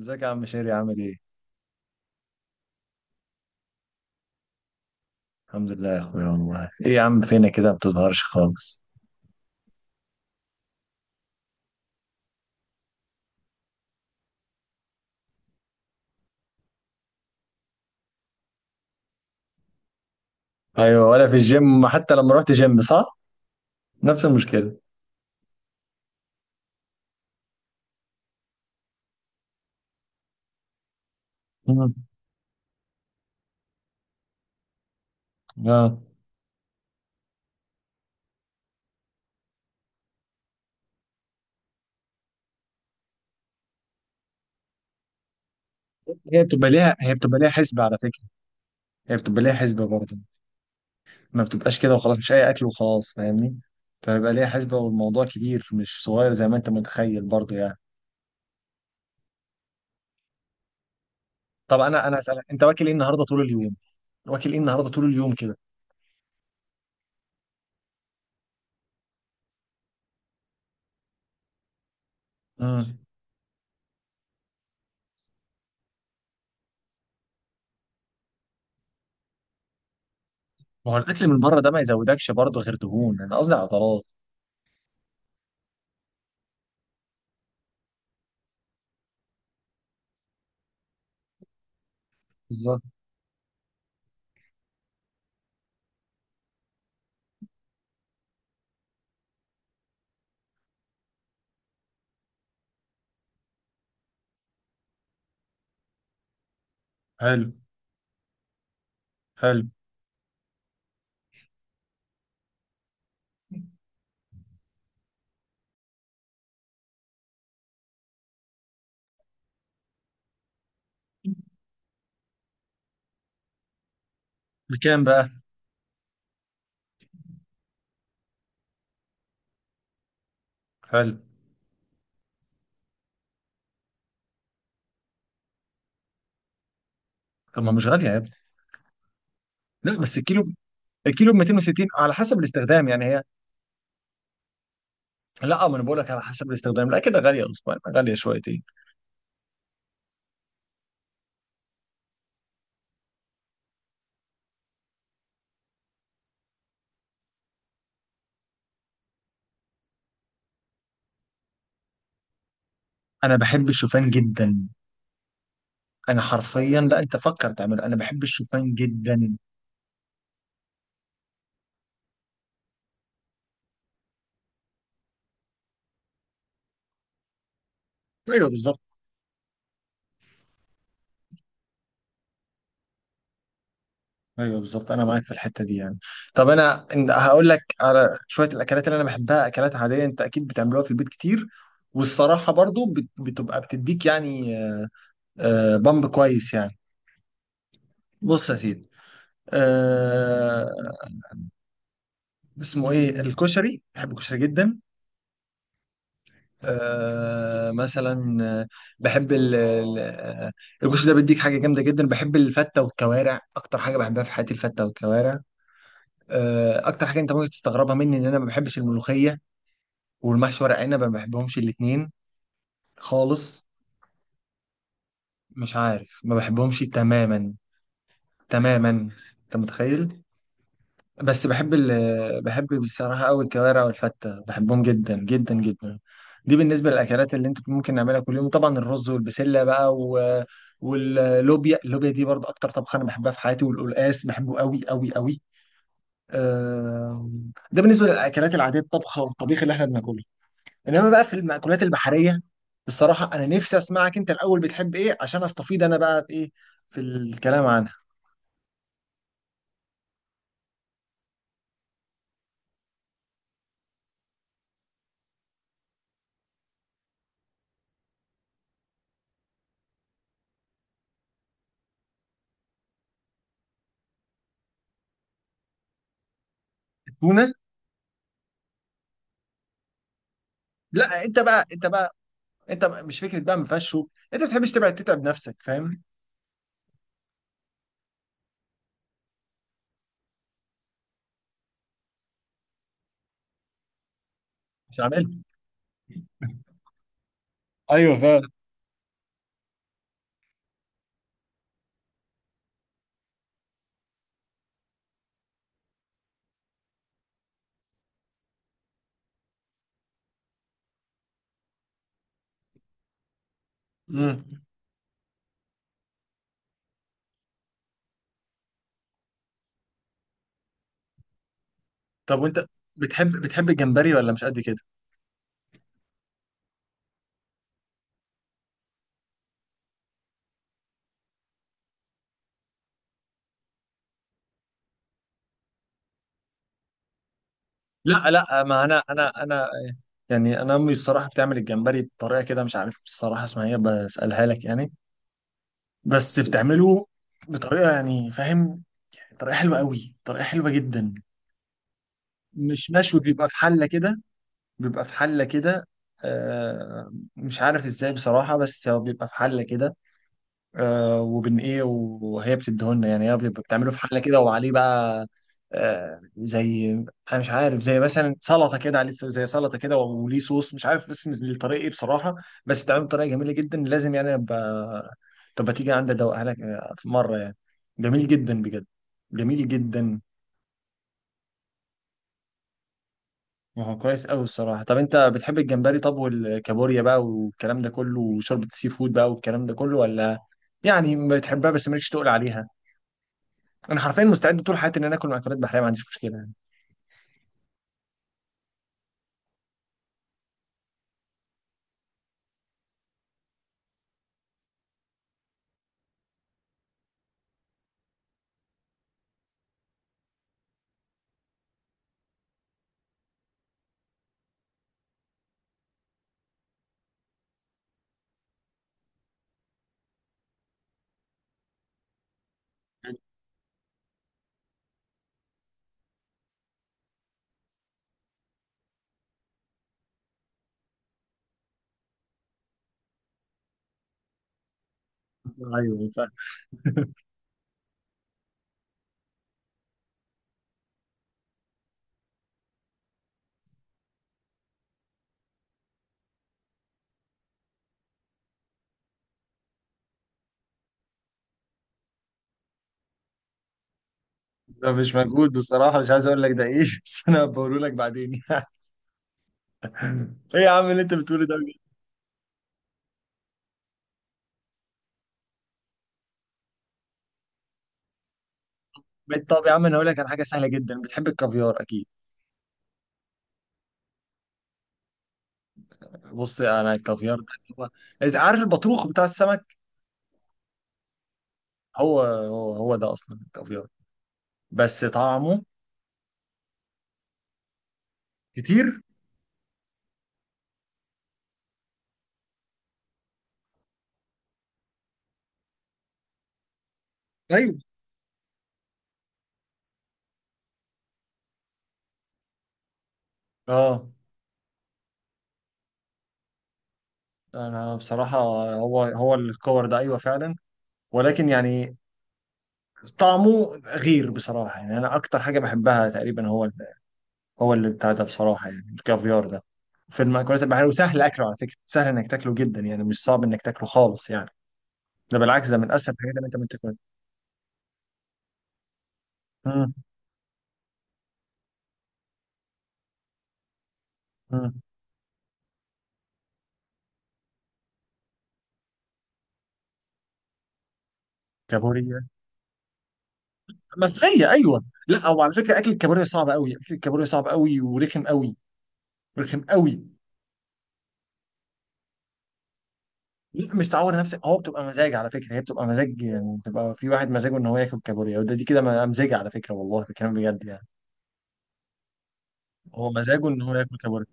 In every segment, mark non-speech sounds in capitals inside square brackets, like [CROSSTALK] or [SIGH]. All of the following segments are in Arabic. ازيك يا عم شيري عامل ايه؟ الحمد لله يا اخويا، والله ايه يا عم فينا كده ما بتظهرش خالص. ايوه، ولا في الجيم حتى لما رحت جيم صح؟ نفس المشكلة. مم. اه. هي بتبقى ليها حسبة على فكرة. هي بتبقى ليها حسبة برضه. ما بتبقاش كده وخلاص، مش اي اكل وخلاص، فاهمني؟ فبيبقى ليها حسبة، والموضوع كبير مش صغير زي ما انت متخيل برضه يعني. طب انا هسألك انت واكل ايه النهارده طول اليوم؟ واكل ايه النهارده طول اليوم كده؟ مم. ما هو الاكل من بره ده ما يزودكش برضه غير دهون، انا قصدي عضلات. بالظبط. حلو. حلو. بكام بقى؟ حلو. طب ما مش غالية يا ابني. لا بس الكيلو، الكيلو ب 260 على حسب الاستخدام يعني هي. لا ما انا بقول لك على حسب الاستخدام، لا كده غالية اسبوع، غالية شويتين. انا بحب الشوفان جدا. انا حرفيا لا، انت فكر تعمل، انا بحب الشوفان جدا. ايوه بالظبط. ايوه بالظبط، انا معاك في الحتة دي يعني. طب انا هقول لك على شوية الاكلات اللي انا بحبها، اكلات عادية انت اكيد بتعملوها في البيت كتير. والصراحة برضو بتبقى بتديك يعني بامب كويس يعني. بص يا سيدي. آه اسمه ايه الكشري، بحب الكشري جدا. مثلا بحب الكشري ده بيديك حاجه جامده جدا. بحب الفته والكوارع اكتر حاجه بحبها في حياتي، الفته والكوارع. اكتر حاجه انت ممكن تستغربها مني ان انا ما بحبش الملوخيه والمحشي ورق عنب، ما بحبهمش الاثنين خالص. مش عارف، ما بحبهمش تماما. تماما. انت متخيل؟ بس بحب بصراحة أوي الكوارع والفتة، بحبهم جدا جدا جدا. دي بالنسبة للأكلات اللي أنت ممكن نعملها كل يوم، طبعا الرز والبسلة بقى واللوبيا دي برضه أكتر طبخة أنا بحبها في حياتي، والقلقاس بحبه أوي أوي أوي. ده بالنسبة للأكلات العادية، الطبخة والطبيخ اللي إحنا بناكله. إنما بقى في المأكولات البحرية، الصراحة أنا نفسي أسمعك أنت الأول بتحب إيه عشان أستفيد أنا بقى بإيه في الكلام عنها. التونة. لا أنت بقى، أنت بقى انت مش فكره بقى ما فيهاش شوك، انت ما بتحبش تبعد تتعب نفسك فاهم. مش عملت. ايوه فعلا. امم طب وانت بتحب الجمبري ولا مش قد كده؟ لا لا، ما انا يعني انا امي الصراحه بتعمل الجمبري بطريقه كده، مش عارف الصراحه اسمها ايه، بسالها لك يعني. بس بتعمله بطريقه يعني فاهم، طريقه حلوه قوي، طريقه حلوه جدا. مش مشوي، بيبقى في حله كده. بيبقى في حله كده. مش عارف ازاي بصراحه، بس هو بيبقى في حله كده. وبن ايه وهي بتديهولنا يعني، هي بتبقى بتعمله في حله كده وعليه بقى زي، انا مش عارف زي مثلا سلطه كده عليه، زي سلطه كده وليه صوص، مش عارف اسم الطريقه ايه بصراحه. بس بتعمله بطريقه جميله جدا، لازم يعني ابقى. طب ما تيجي عندي ادوقها لك في مره يعني. جميل جدا بجد، جميل جدا. ما هو كويس قوي الصراحه. طب انت بتحب الجمبري، طب والكابوريا بقى والكلام ده كله، وشوربه السي فود بقى والكلام ده كله، ولا يعني بتحبها بس مالكش تقول عليها؟ انا حرفيا مستعد طول حياتي ان انا اكل مأكولات بحرية، ما عنديش مشكلة يعني. ايوه فاهم. ده مش مجهود بصراحه، مش عايز اقول لك ده ايه [LAUGHS] بس انا بقوله لك بعدين يعني. [LAUGHS] ايه يا عم اللي انت بتقوله ده؟ بجد؟ طب يا عم، انا هقول لك على حاجة سهلة جدا، بتحب الكافيار اكيد؟ بص، انا الكافيار ده هو، إذا عارف البطروخ بتاع السمك. هو ده اصلا الكافيار، بس طعمه. كتير. ايوه. اه. انا بصراحة، هو الكور ده ايوه فعلا، ولكن يعني طعمه غير بصراحة. يعني انا اكتر حاجة بحبها تقريبا هو، هو اللي بتاع ده بصراحة، يعني الكافيار ده، في المأكولات البحرية، وسهل أكله على فكرة، سهل إنك تاكله جدا يعني، مش صعب إنك تاكله خالص يعني. ده بالعكس، ده من أسهل الحاجات اللي أنت ممكن تاكلها. مم. مم. كابوريا، ملوخية، أيوه أيوة. لا هو على فكرة أكل الكابوريا صعب أوي، أكل الكابوريا صعب أوي ورخم أوي. رخم أوي. لا مش تعور نفسك، هو بتبقى مزاج على فكرة، هي بتبقى مزاج يعني، بتبقى في واحد مزاجه إن هو ياكل كابوريا، وده دي كده مزاج على فكرة والله، بكلام بجد يعني. هو مزاجه إن هو ياكل كابوريا.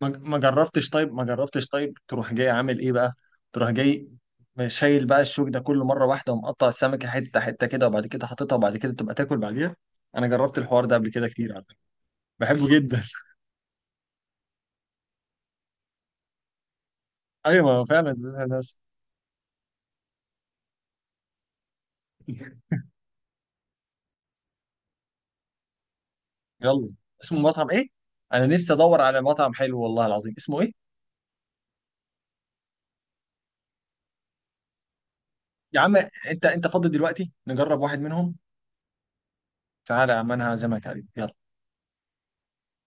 ما جربتش طيب، ما جربتش طيب تروح جاي عامل ايه بقى، تروح جاي شايل بقى الشوك ده كله مره واحده، ومقطع السمكه حته حته كده، وبعد كده حاططها، وبعد كده تبقى تاكل بعديها. انا جربت الحوار ده قبل كده كتير على فكره، بحبه جدا. [LAUGHS] ايوه ما هو فعلا [LAUGHS] زيتها نفس. يلا، اسمه مطعم ايه؟ انا نفسي ادور على مطعم حلو والله العظيم، اسمه ايه؟ يا عم انت فاضي دلوقتي نجرب واحد منهم؟ تعالى يا عم انا هعزمك عليه يلا.